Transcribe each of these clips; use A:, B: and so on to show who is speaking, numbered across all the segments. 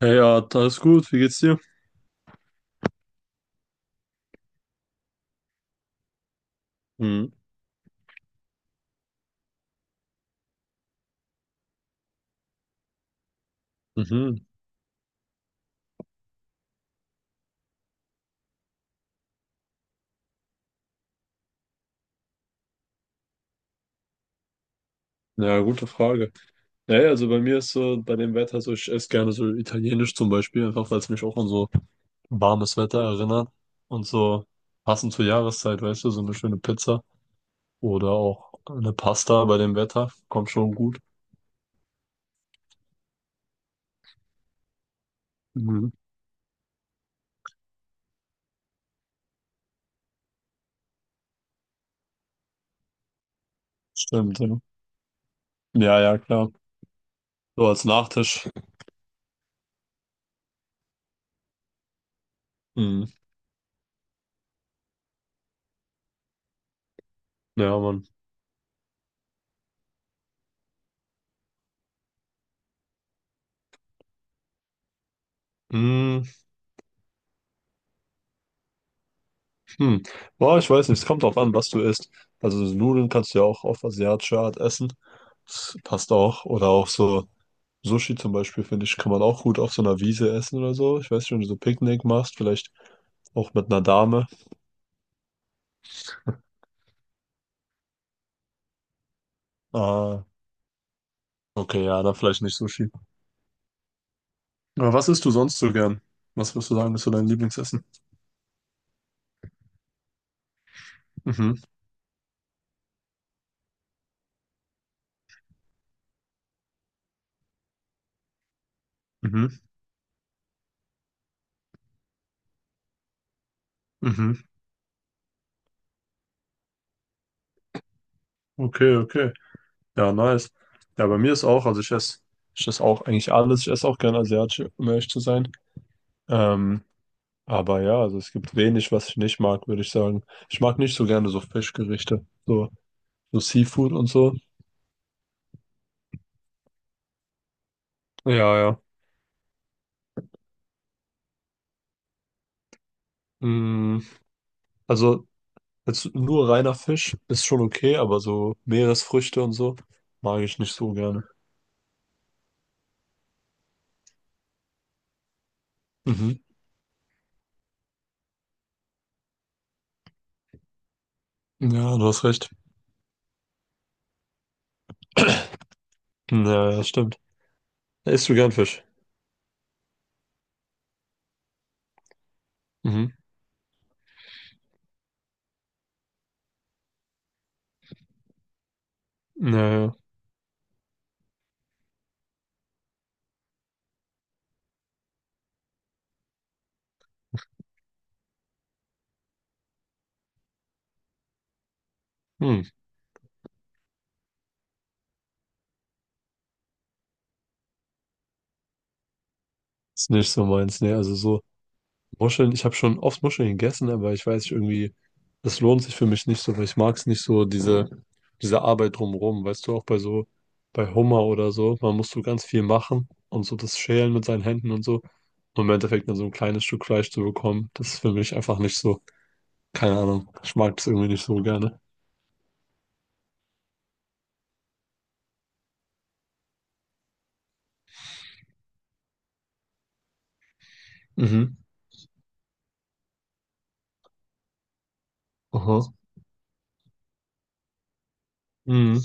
A: Ja, ja, alles gut, wie geht's dir? Mhm. Mhm. Ja, gute Frage. Ja, also bei mir ist so, bei dem Wetter so, ich esse gerne so italienisch zum Beispiel, einfach weil es mich auch an so warmes Wetter erinnert und so passend zur Jahreszeit, weißt du, so eine schöne Pizza oder auch eine Pasta bei dem Wetter, kommt schon gut. Mhm. Stimmt, ja. Ja, ja, klar. So als Nachtisch. Mhm. Ja, Mann. Mhm. Hm. Boah, ich weiß nicht, es kommt drauf an, was du isst. Also so Nudeln kannst du ja auch auf asiatische Art essen. Das passt auch. Oder auch so Sushi zum Beispiel, finde ich, kann man auch gut auf so einer Wiese essen oder so. Ich weiß nicht, wenn du so Picknick machst, vielleicht auch mit einer Dame. Ah, okay, ja, dann vielleicht nicht Sushi. Aber was isst du sonst so gern? Was würdest du sagen, ist so dein Lieblingsessen? Mhm, mhm, mhm. Okay, okay. Ja, nice. Ja, bei mir ist auch, also ich esse auch eigentlich alles. Ich esse auch gern asiatisch, um ehrlich zu sein. Ähm, Aber ja, also es gibt wenig, was ich nicht mag, würde ich sagen. Ich mag nicht so gerne so Fischgerichte, so, so Seafood und so. Ja, ja. Mm, also jetzt nur reiner Fisch ist schon okay, aber so Meeresfrüchte und so mag ich nicht so gerne. Mhm. Ja, du hast recht. Ja, ja, stimmt. Isst du gern Fisch? Mhm. Ja, ja. Hm. Ist nicht so meins, ne? Also so. Muscheln, ich habe schon oft Muscheln gegessen, aber ich weiß nicht, irgendwie, das lohnt sich für mich nicht so, weil ich mag es nicht so, diese Arbeit drumherum. Weißt du, auch bei so, bei Hummer oder so, man muss so ganz viel machen und so das Schälen mit seinen Händen und so. Und im Endeffekt dann so ein kleines Stück Fleisch zu bekommen, das ist für mich einfach nicht so, keine Ahnung, ich mag es irgendwie nicht so gerne. Mhm. Aha. Mhm.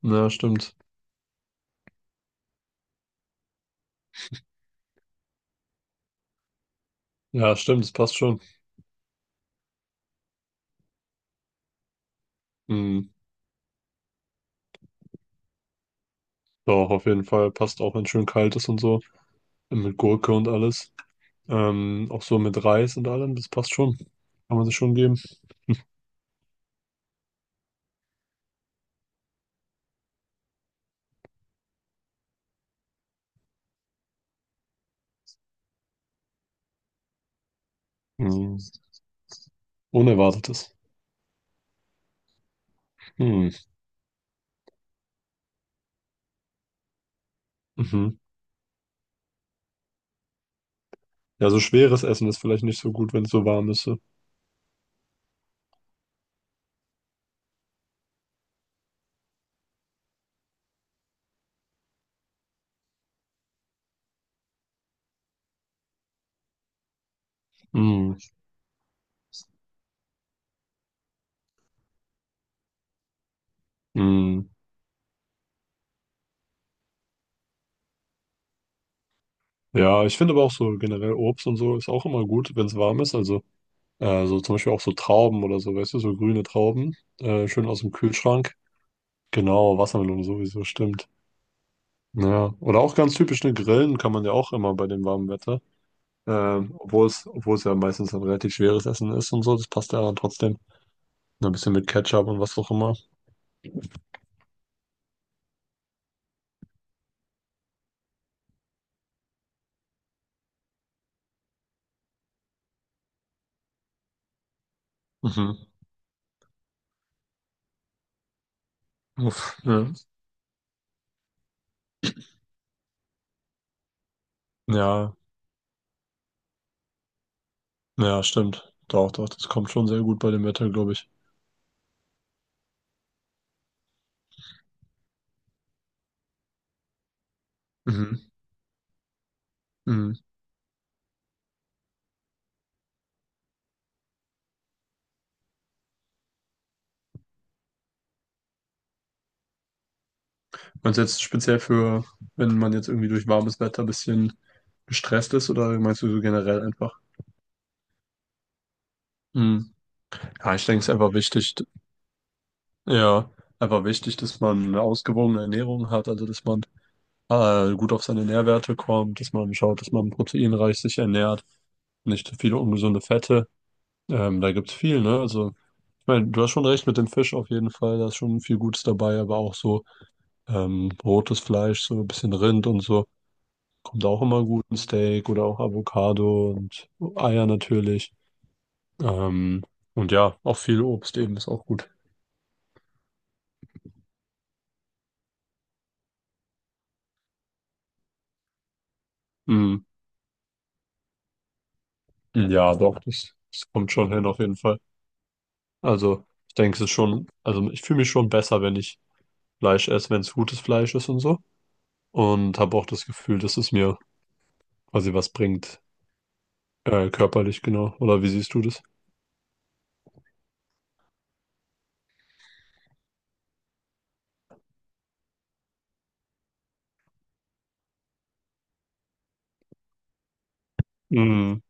A: Ja, stimmt. Ja, stimmt, das passt schon. Mhm. Doch, auf jeden Fall passt auch, wenn es schön kalt ist und so, mit Gurke und alles. Auch so mit Reis und allem, das passt schon. Kann man sich schon geben. Hm. Unerwartetes. Hm. Mhm. Ja, so schweres Essen ist vielleicht nicht so gut, wenn es so warm ist. So. Hm. Hm. Ja, ich finde aber auch so generell Obst und so ist auch immer gut, wenn es warm ist. Also so zum Beispiel auch so Trauben oder so, weißt du, so grüne Trauben, schön aus dem Kühlschrank. Genau, Wassermelone sowieso, stimmt. Ja, oder auch ganz typisch, ne, Grillen kann man ja auch immer bei dem warmen Wetter. Obwohl es ja meistens ein relativ schweres Essen ist und so, das passt ja dann trotzdem. Ein bisschen mit Ketchup und was auch immer. Mhm. Uff, ja. Ja, ja, stimmt. Doch, doch, das kommt schon sehr gut bei dem Wetter, glaube ich. Mhm. Mhm. Und jetzt wenn man jetzt irgendwie durch warmes Wetter ein bisschen gestresst ist oder meinst du so generell einfach? Mhm. Ja, ich denke, es ist ja, einfach wichtig, dass man eine ausgewogene Ernährung hat, also dass man gut auf seine Nährwerte kommt, dass man schaut, dass man proteinreich sich ernährt, nicht zu viele ungesunde Fette. Da gibt's viel, ne? Also, ich meine, du hast schon recht mit dem Fisch auf jeden Fall, da ist schon viel Gutes dabei, aber auch so rotes Fleisch, so ein bisschen Rind und so, kommt auch immer gut, ein Steak oder auch Avocado und Eier natürlich. Ähm, und ja, auch viel Obst eben ist auch gut. Mm, ja, doch, das kommt schon hin auf jeden Fall. Also, ich denke, es ist schon, also ich fühle mich schon besser, wenn ich Fleisch esse, wenn es gutes Fleisch ist und so. Und habe auch das Gefühl, dass es mir quasi was bringt, körperlich, genau. Oder wie siehst du das? Mhm.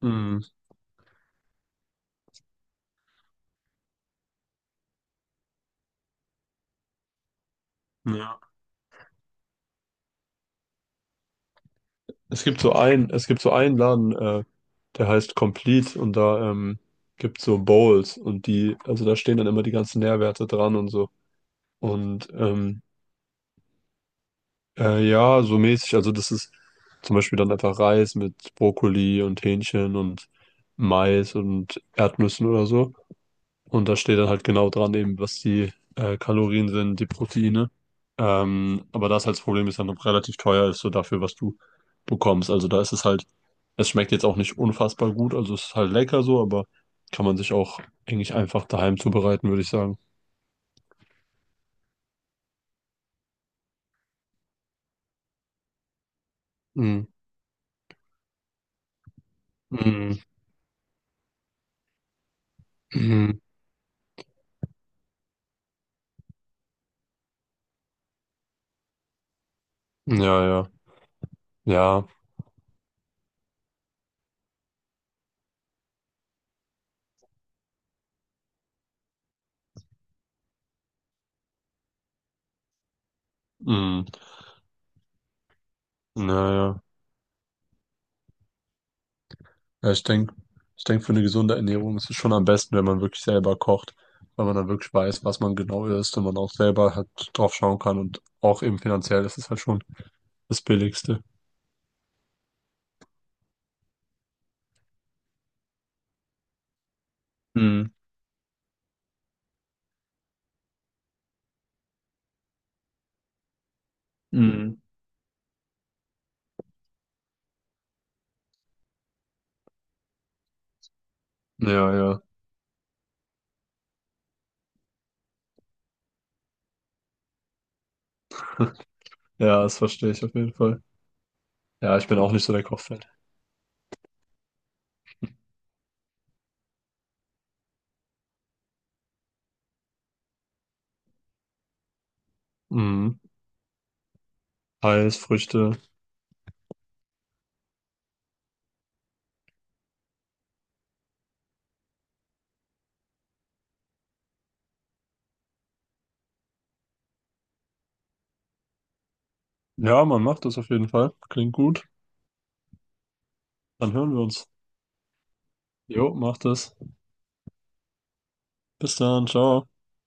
A: Mhm. Ja. Es gibt so einen Laden, der heißt Complete und da gibt so Bowls und die, also da stehen dann immer die ganzen Nährwerte dran und so. Und ja, so mäßig, also das ist zum Beispiel dann einfach Reis mit Brokkoli und Hähnchen und Mais und Erdnüssen oder so. Und da steht dann halt genau dran, eben, was die Kalorien sind, die Proteine. Aber das halt das Problem ist, dann noch relativ teuer ist, so dafür, was du bekommst. Also da ist es halt, es schmeckt jetzt auch nicht unfassbar gut, also es ist halt lecker so, aber kann man sich auch eigentlich einfach daheim zubereiten, würde ich sagen. Mm, mm, mm, ja, ja, ja, mm, ja, ja. Ja, ich denk, für eine gesunde Ernährung ist es schon am besten, wenn man wirklich selber kocht, weil man dann wirklich weiß, was man genau isst und man auch selber halt drauf schauen kann und auch eben finanziell ist es halt schon das Billigste. Mhm. Mhm. Ja, ja. Ja, das verstehe ich auf jeden Fall. Ja, ich bin auch nicht so der Kochfan. Mhm. Reis, Früchte. Ja, man macht das auf jeden Fall. Klingt gut. Dann hören wir uns. Jo, macht es. Bis dann, ciao.